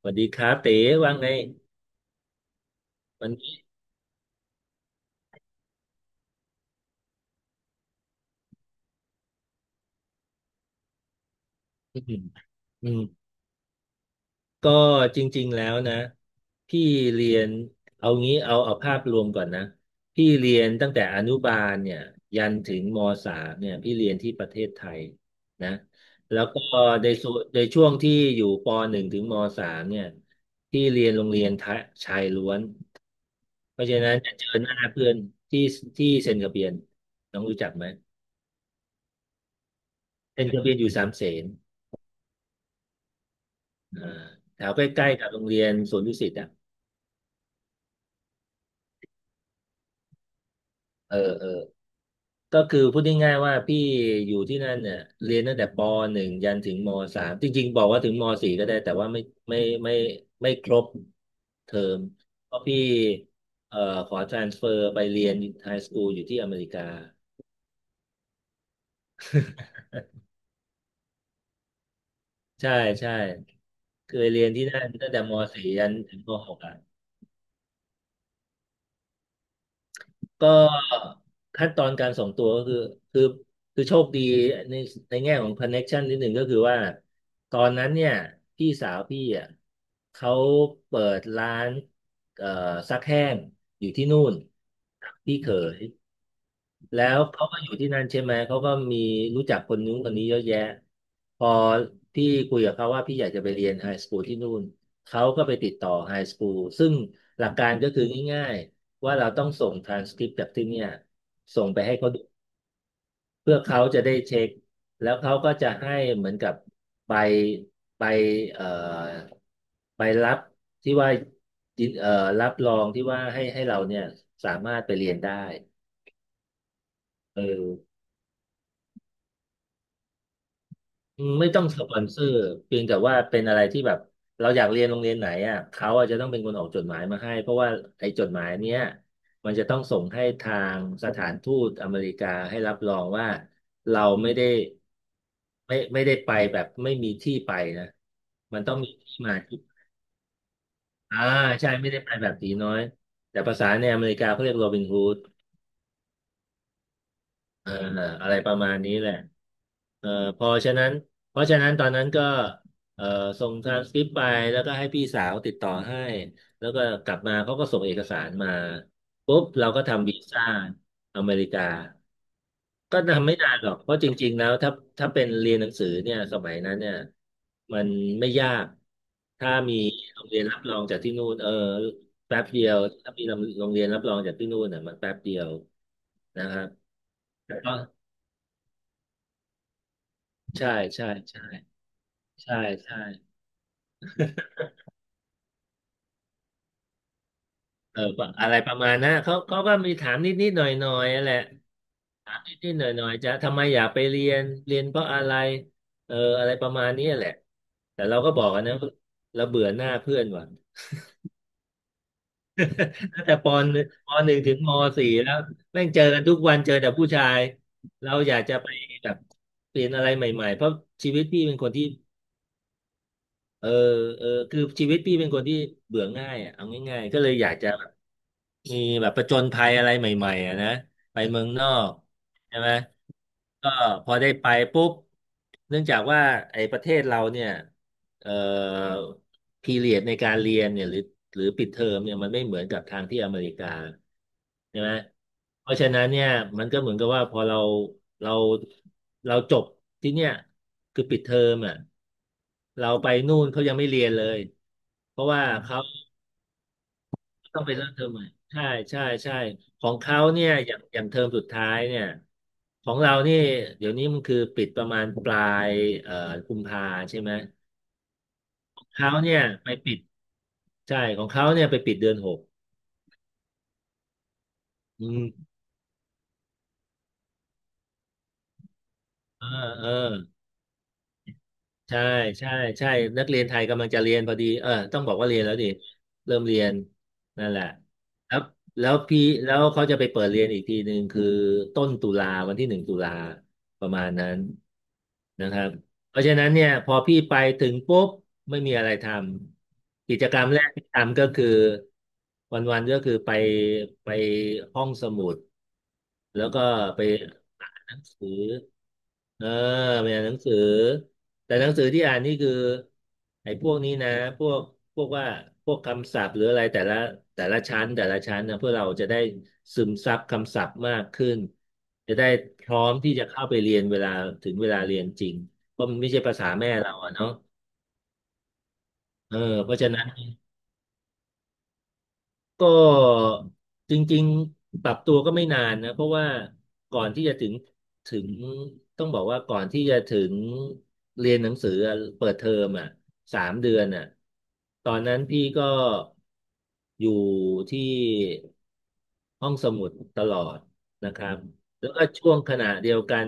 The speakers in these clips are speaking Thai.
สวัสดีครับเต๋ว่าไงวันนี้อืมอืมก็จริงๆแล้วนะพี่เรียนเอางี้เอาภาพรวมก่อนนะพี่เรียนตั้งแต่อนุบาลเนี่ยยันถึงมสามเนี่ยพี่เรียนที่ประเทศไทยนะแล้วก็ในส่วนในช่วงที่อยู่ปหนึ่งถึงมสามเนี่ยพี่เรียนโรงเรียนทะชายล้วนเพราะฉะนั้นจะเจอหน้าเพื่อนที่ที่เซนต์กระเบียนน้องรู้จักไหมเซนต์กระเบียนอยู่สามเสน อ่าแถวใกล้ๆกับโรงเรียนสวนดุสิตอ่ะเออเออก็คือพูดง่ายๆว่าพี่อยู่ที่นั่นเนี่ยเรียนตั้งแต่ปหนึ่งยันถึงมสามจริงๆบอกว่าถึงมสี่ก็ได้แต่ว่าไม่ไม่ไม่ครบเทอมเพราะพี่เอ่อขอ transfer ไปเรียนไฮสคูลอยู่ที่อเมริกาใช่ใช่เคยเรียนที่นั่นตั้งแต่มสี่ยันถึงมหกอ่ะ ก็ขั้นตอนการส่งตัวก็คือคือโชคดีในในแง่ของคอนเน็กชันนิดหนึ่งก็คือว่าตอนนั้นเนี่ยพี่สาวพี่อ่ะเขาเปิดร้านเอ่อซักแห้งอยู่ที่นู่นกับพี่เขย แล้วเขาก็อยู่ที่นั่นใช่ไหม เขาก็มีรู้จักคนนู้นคนนี้เยอะแยะ พอพี่คุยกับเขาว่าพี่อยากจะไปเรียนไฮสคูลที่นู่น เขาก็ไปติดต่อไฮสคูลซึ่งหลักการก็คือง่ายๆว่าเราต้องส่งทรานสคริปต์จากที่เนี่ยส่งไปให้เขาดูเพื่อเขาจะได้เช็คแล้วเขาก็จะให้เหมือนกับใบใบเอ่อใบรับที่ว่ายินเอ่อรับรองที่ว่าให้เราเนี่ยสามารถไปเรียนได้เออ ไม่ต้องสปอนเซอร์เพียงแต่ว่าเป็นอะไรที่แบบเราอยากเรียนโรงเรียนไหนอ่ะเขาอาจจะต้องเป็นคนออกจดหมายมาให้เพราะว่าไอ้จดหมายเนี้ยมันจะต้องส่งให้ทางสถานทูตอเมริกาให้รับรองว่าเราไม่ได้ไม่ได้ไปแบบไม่มีที่ไปนะมันต้องมีที่มาที่อ่าใช่ไม่ได้ไปแบบตีน้อยแต่ภาษาในอเมริกาเขาเรียกโรบินฮูด เอออะไรประมาณนี้แหละเออพอฉะนั้นเพราะฉะนั้นตอนนั้นก็เออส่งทรานสคริปต์ไปแล้วก็ให้พี่สาวติดต่อให้แล้วก็กลับมาเขาก็ส่งเอกสารมาปุ๊บเราก็ทำวีซ่าอเมริกาก็ทำไม่นานหรอกเพราะจริงๆแล้วถ้าเป็นเรียนหนังสือเนี่ยสมัยนั้นเนี่ยมันไม่ยากถ้ามีโรงเรียนรับรองจากที่นู่นเออแป๊บเดียวถ้ามีโรงเรียนรับรองจากที่นู่นเนี่ยมันแป๊บเดียวนะครับแต่ก็ ใช่ใช่ใช่ใช่ใช่เออประอะไรประมาณนะเขาก็มีถามนิดนิดหน่อยหน่อยแหละถามนิดนิดหน่อยหน่อยจะทำไมอยากไปเรียนเรียนเพราะอะไรเอออะไรประมาณนี้แหละแต่เราก็บอกกันนะเราเบื่อหน้าเพื่อนว่ะ ตั้งแต่ปหนึ่งถึงมสี่แล้วแม่งเจอกันทุกวันเจอแต่ผู้ชายเราอยากจะไปแบบเปลี่ยนอะไรใหม่ๆเพราะชีวิตพี่เป็นคนที่เออเออคือชีวิตพี่เป็นคนที่เบื่อง่ายอ่ะเอาง่ายๆก็เลยอยากจะ มีแบบประจนภัยอะไรใหม่ๆอะนะไปเมืองนอกใช่ไหมก็พอได้ไปปุ๊บเนื่องจากว่าไอ้ประเทศเราเนี่ยเอ่อพีเรียดในการเรียนเนี่ยหรือปิดเทอมเนี่ยมันไม่เหมือนกับทางที่อเมริกาใช่ไหมเพราะฉะนั้นเนี่ยมันก็เหมือนกับว่าพอเราเราจบที่เนี่ยคือปิดเทอมอ่ะเราไปนู่นเขายังไม่เรียนเลยเพราะว่าเขา ต้องไปเริ่มเทอมใหม่ใช่ใช่ใช่ของเขาเนี่ยอย่างเทอมสุดท้ายเนี่ยของเรานี่เดี๋ยวนี้มันคือปิดประมาณปลายเอ่อกุมภาใช่ไหมเขาเนี่ยไปปิดใช่ของเขาเนี่ยไปปิดเดือนหกอืมเออเออใช่ใช่ใช่นักเรียนไทยกำลังจะเรียนพอดีเออต้องบอกว่าเรียนแล้วดิเริ่มเรียนนั่นแหละแล้วเขาจะไปเปิดเรียนอีกทีหนึ่งคือต้นตุลาวันที่หนึ่งตุลาประมาณนั้นนะครับ เพราะฉะนั้นเนี่ยพอพี่ไปถึงปุ๊บไม่มีอะไรทำกิจกรรมแรกที่ทำก็คือวันๆก็คือไปห้องสมุดแล้วก็ไปอ่านหนังสือเออไปอ่านหนังสือแต่หนังสือที่อ่านนี่คือไอ้พวกนี้นะพวกพวกว่าพวกคำศัพท์หรืออะไรแต่ละชั้นแต่ละชั้นนะเพื่อเราจะได้ซึมซับคำศัพท์มากขึ้นจะได้พร้อมที่จะเข้าไปเรียนเวลาถึงเวลาเรียนจริง ก็ไม่ใช่ภาษาแม่เราอะเนาะเออเพราะฉะนั้น ก็จริงๆปรับตัวก็ไม่นานนะเพราะว่าก่อนที่จะถึงต้องบอกว่าก่อนที่จะถึงเรียนหนังสืออะเปิดเทอมอ่ะ3 เดือนอ่ะตอนนั้นพี่ก็อยู่ที่ห้องสมุดตลอดนะครับแล้วก็ช่วงขณะเดียวกัน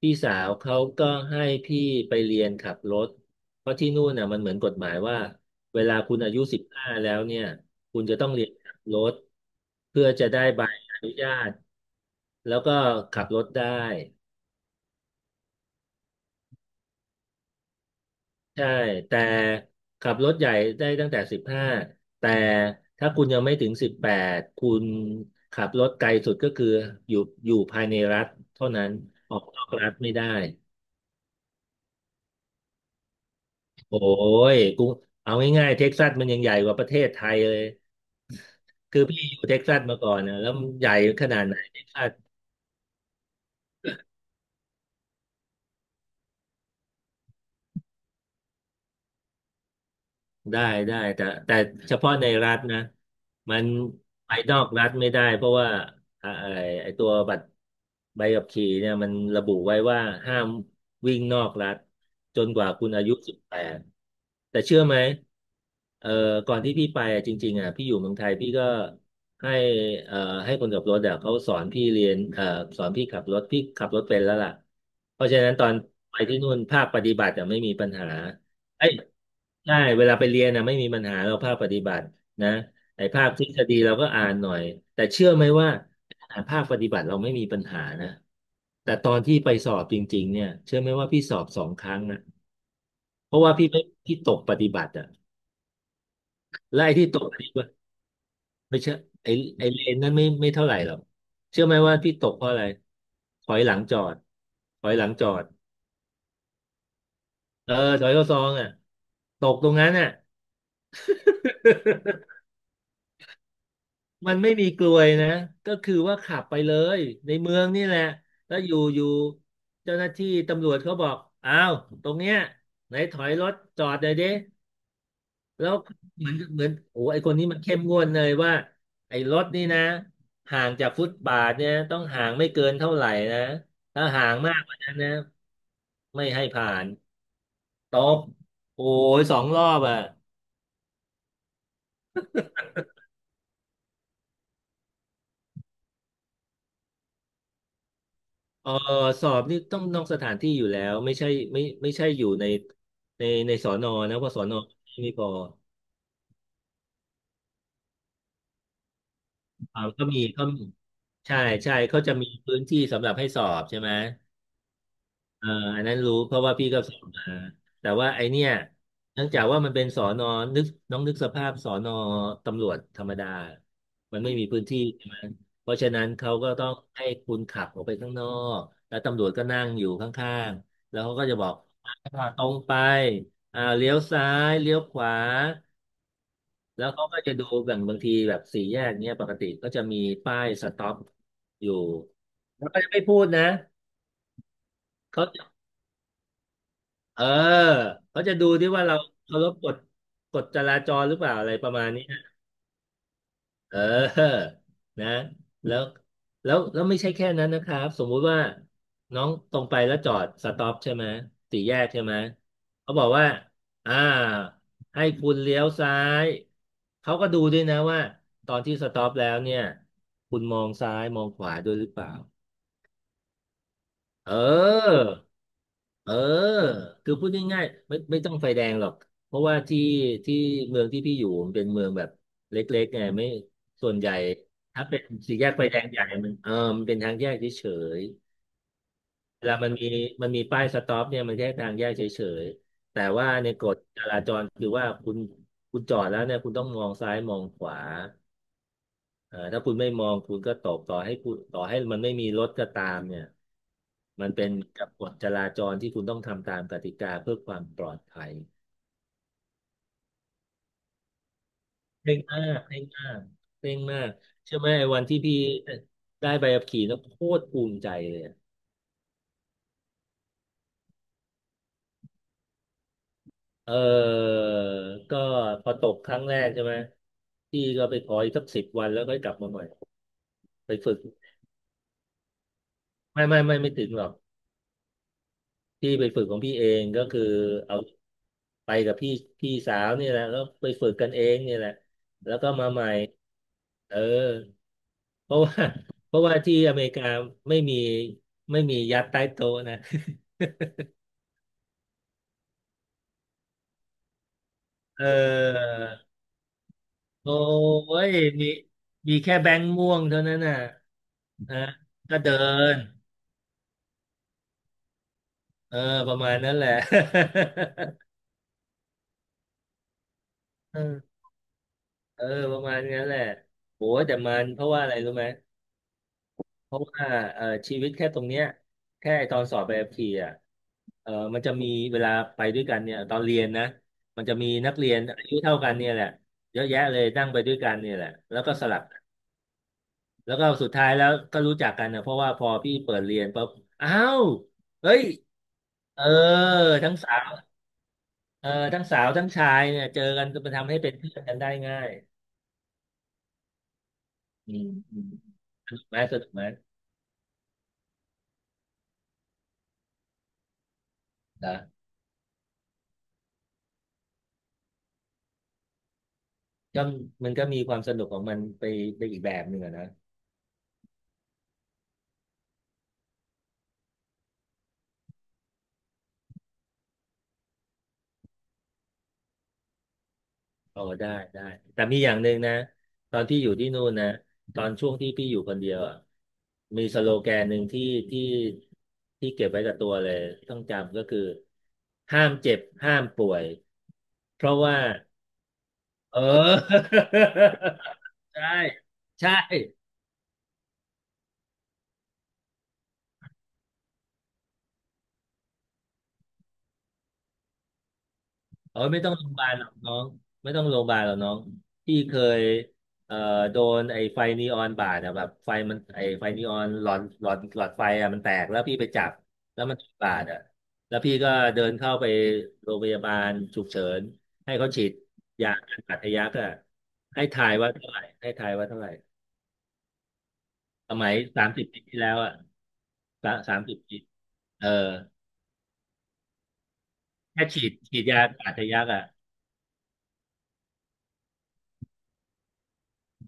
พี่สาวเขาก็ให้พี่ไปเรียนขับรถเพราะที่นู่นน่ะมันเหมือนกฎหมายว่าเวลาคุณอายุสิบห้าแล้วเนี่ย คุณจะต้องเรียนขับรถเพื่อจะได้ใบอนุญาตแล้วก็ขับรถได้ใช่แต่ขับรถใหญ่ได้ตั้งแต่สิบห้าแต่ถ้าคุณยังไม่ถึงสิบแปดคุณขับรถไกลสุดก็คืออยู่อยู่ภายในรัฐเท่านั้นออกนอกรัฐไม่ได้โอ้ยกูเอาง่ายๆเท็กซัสมันยังใหญ่กว่าประเทศไทยเลยคือพี่อยู่เท็กซัสมาก่อนนะแล้วมันใหญ่ขนาดไหน ได้ได้แต่เฉพาะในรัฐนะมันไปนอกรัฐไม่ได้เพราะว่าอ่าไอไอตัวบัตรใบขับขี่เนี่ยมันระบุไว้ว่าห้ามวิ่งนอกรัฐจนกว่าคุณอายุสิบแปดแต่เชื่อไหมเอ่อก่อนที่พี่ไปอะจริงๆอ่ะพี่อยู่เมืองไทยพี่ก็ให้เอ่อให้คนขับรถอ่ะเขาสอนพี่เรียนเอ่อสอนพี่ขับรถพี่ขับรถเป็นแล้วล่ะเพราะฉะนั้นตอนไปที่นู่นภาคปฏิบัติอ่ะไม่มีปัญหา ไอ้ใช่เวลาไปเรียนนะไม่มีปัญหาเราภาคปฏิบัตินะไอ้ภาคทฤษฎีเราก็อ่านหน่อยแต่เชื่อไหมว่าขนาดภาคปฏิบัติเราไม่มีปัญหานะแต่ตอนที่ไปสอบจริงๆเนี่ยเชื่อไหมว่าพี่สอบ2 ครั้งนะเพราะว่าพี่ไม่พี่ตกปฏิบัติอ่ะและไอ้ที่ตกปฏิบัติไม่เชื่อไอ้ไอ้เลนนั้นไม่เท่าไหร่หรอกเชื่อไหมว่าพี่ตกเพราะอะไรถอยหลังจอดถอยหลังจอดเออถอยเข้าซองอ่ะตกตรงนั้นอ่ะ มันไม่มีกลวยนะก็คือว่าขับไปเลยในเมืองนี่แหละ แล้วอยู่อยู่เจ้าหน้าที่ตำรวจเขาบอกอ้าวตรงเนี้ยไหนถอยรถจอดหน่อยดิแล้วเหมือนโอ้ไอคนนี้มันเข้มงวดเลยว่าไอรถนี่นะห่างจากฟุตบาทเนี่ยต้องห่างไม่เกินเท่าไหร่นะ ถ้าห่างมากกว่านั้นนะไม่ให้ผ่านตบโอ้ย2 รอบอ่ะ เออสอบนี่ต้องนอกสถานที่อยู่แล้วไม่ใช่ไม่ใช่อยู่ในสอนอนะว่าะสอนอไม่พออ่าก็มีใช่ใช่เขาจะมีพื้นที่สำหรับให้สอบใช่ไหม เอ่ออันนั้นรู้เพราะว่าพี่ก็สอบมาแต่ว่าไอเนี่ยเนื่องจากว่ามันเป็นสอนอนึกน้องนึกสภาพสอนอตำรวจธรรมดามันไม่มีพื้นที่ใช่ไหมเพราะฉะนั้นเขาก็ต้องให้คุณขับออกไปข้างนอกแล้วตำรวจก็นั่งอยู่ข้างๆแล้วเขาก็จะบอกตรงไปเลี้ยวซ้ายเลี้ยวขวาแล้วเขาก็จะดูแบ่งบางทีแบบสี่แยกเนี้ยปกติก็จะมีป้ายสต็อปอยู่แล้วก็จะไม่พูดนะเขา เออเขาจะดูที่ว่าเราเคารพกฎกฎจราจรหรือเปล่าอะไรประมาณนี้นะเออ นะแล้วแล้วไม่ใช่แค่นั้นนะครับสมมุติว่าน้องตรงไปแล้วจอดสต็อปใช่ไหมสี่แยกใช่ไหมเขาบอกว่าอ่าให้คุณเลี้ยวซ้ายเขาก็ดูด้วยนะว่าตอนที่สต็อปแล้วเนี่ยคุณมองซ้ายมองขวาด้วยหรือเปล่า เออเออคือพูดง่ายๆไม่ต้องไฟแดงหรอกเพราะว่าที่เมืองที่พี่อยู่มันเป็นเมืองแบบเล็กๆไงไม่ส่วนใหญ่ถ้าเป็นสี่แยกไฟแดงใหญ่มันเออมันเป็นทางแยกเฉยๆเวลามันมีป้ายสต็อปเนี่ยมันแค่ทางแยกเฉยๆแต่ว่าในกฎจราจรคือว่าคุณจอดแล้วเนี่ยคุณต้องมองซ้ายมองขวา ถ้าคุณไม่มองคุณก็ตกต่อให้คุณต่อให้มันไม่มีรถก็ตามเนี่ยมันเป็นกับกฎจราจรที่คุณต้องทำตามกติกาเพื่อความปลอดภัยเคร่งมากเคร่งมากเคร่งมากเชื่อไหมไอ้วันที่พี่ได้ใบขับขี่แล้วโคตรภูมิใจเลยอะเออก็พอตกครั้งแรกใช่ไหมพี่ก็ไปขออีกสัก10 วันแล้วก็กลับมาใหม่ไปฝึกไม่ถึงหรอก พี่ไปฝึกของพี่เองก็คือเอาไปกับพี่พี่สาวนี่แหละแล้วไปฝึกกันเองนี่แหละแล้วก็มาใหม่เออเพราะว่า เพราะว่าที่อเมริกาไม่มีไม่มียัดใต้โต๊ะนะ เออโอ้ยมีมีแค่แบงค์ม่วงเท่านั้นน่ะนะก็เดินเออประมาณนั้นแหละ เออเออประมาณนั้นแหละโหแต่มันเพราะว่าอะไรรู้ไหม เพราะว่าชีวิตแค่ตรงเนี้ยแค่ตอนสอบใบขับขี่อ่ะมันจะมีเวลาไปด้วยกันเนี่ยตอนเรียนนะมันจะมีนักเรียนอายุเท่ากันเนี่ยแหละเยอะแยะเลยนั่งไปด้วยกันเนี่ยแหละแล้วก็สลับแล้วก็สุดท้ายแล้วก็รู้จักกันนะเพราะว่าพอพี่เปิดเรียนปุ๊บอ้าวเฮ้ยเออทั้งสาวเออทั้งสาวทั้งชายเนี่ยเจอกันก็มันทำให้เป็นเพื่อนกันได้ง่ายอืมอืมสนุกไหมสนุกไหมนะก็มันก็มีความสนุกของมันไปไปอีกแบบหนึ่งอะนะ อ๋อได้ได้แต่มีอย่างหนึ่งนะตอนที่อยู่ที่นู่นนะตอนช่วงที่พี่อยู่คนเดียวอะมีสโลแกนหนึ่งที่ที่เก็บไว้กับตัวเลยต้องจำก็คือห้ามเจ็บห้ามป่วยเพราะว่าเออ ใช่ใช่ เออไม่ต้องโรงพยาบาลหรอกน้องไม่ต้องโรงพยาบาลหรอกน้องพี่เคยเอ่อโดนไอ้ไฟนีออนบาดอะแบบไฟมันไอ้ไฟนีออนหลอดไฟอะมันแตกแล้วพี่ไปจับแล้วมันบาดอะแล้วพี่ก็เดินเข้าไปโรงพยาบาลฉุกเฉินให้เขาฉีดยากันบาดทะยักอะให้ทายว่าเท่าไหร่ให้ทายว่าเท่าไหร่สมัยสามสิบปีที่แล้วอะสามสิบปีเออแค่ฉีดยากันบาดทะยักอะ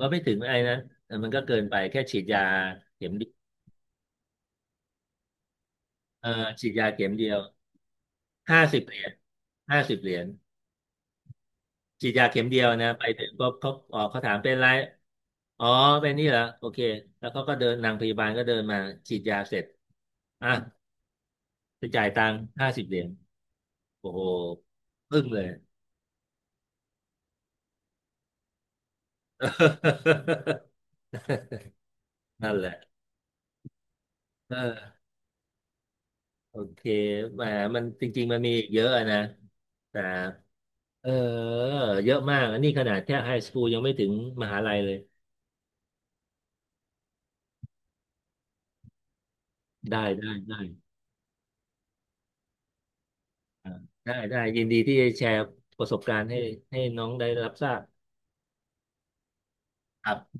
ว่าไม่ถึงไอ้นะเออมันก็เกินไปแค่ฉีดยาเข็ม เออฉีดยาเข็มเดียวห้าสิบเหรียญห้าสิบเหรียญฉีดยาเข็มเดียวนะไปถึงก็เขาอ๋อเขาถามเป็นไรอ๋อเป็นนี่เหรอโอเคแล้วเขาก็เดินนางพยาบาลก็เดินมาฉีดยาเสร็จอ่ะไปจ่ายตังค์ห้าสิบเหรียญโอ้โหอึ้งเลย นั่นแหละเออโอเคแหมมันจริงๆมันมีอีกเยอะอะนะแต่เออเยอะมากอันนี้ขนาดแค่ไฮสคูลยังไม่ถึงมหาลัยเลยได้ได้ได้ อ่าได้ได้ยินดีที่จะแชร์ประสบการณ์ให้ให้น้องได้รับทราบครับ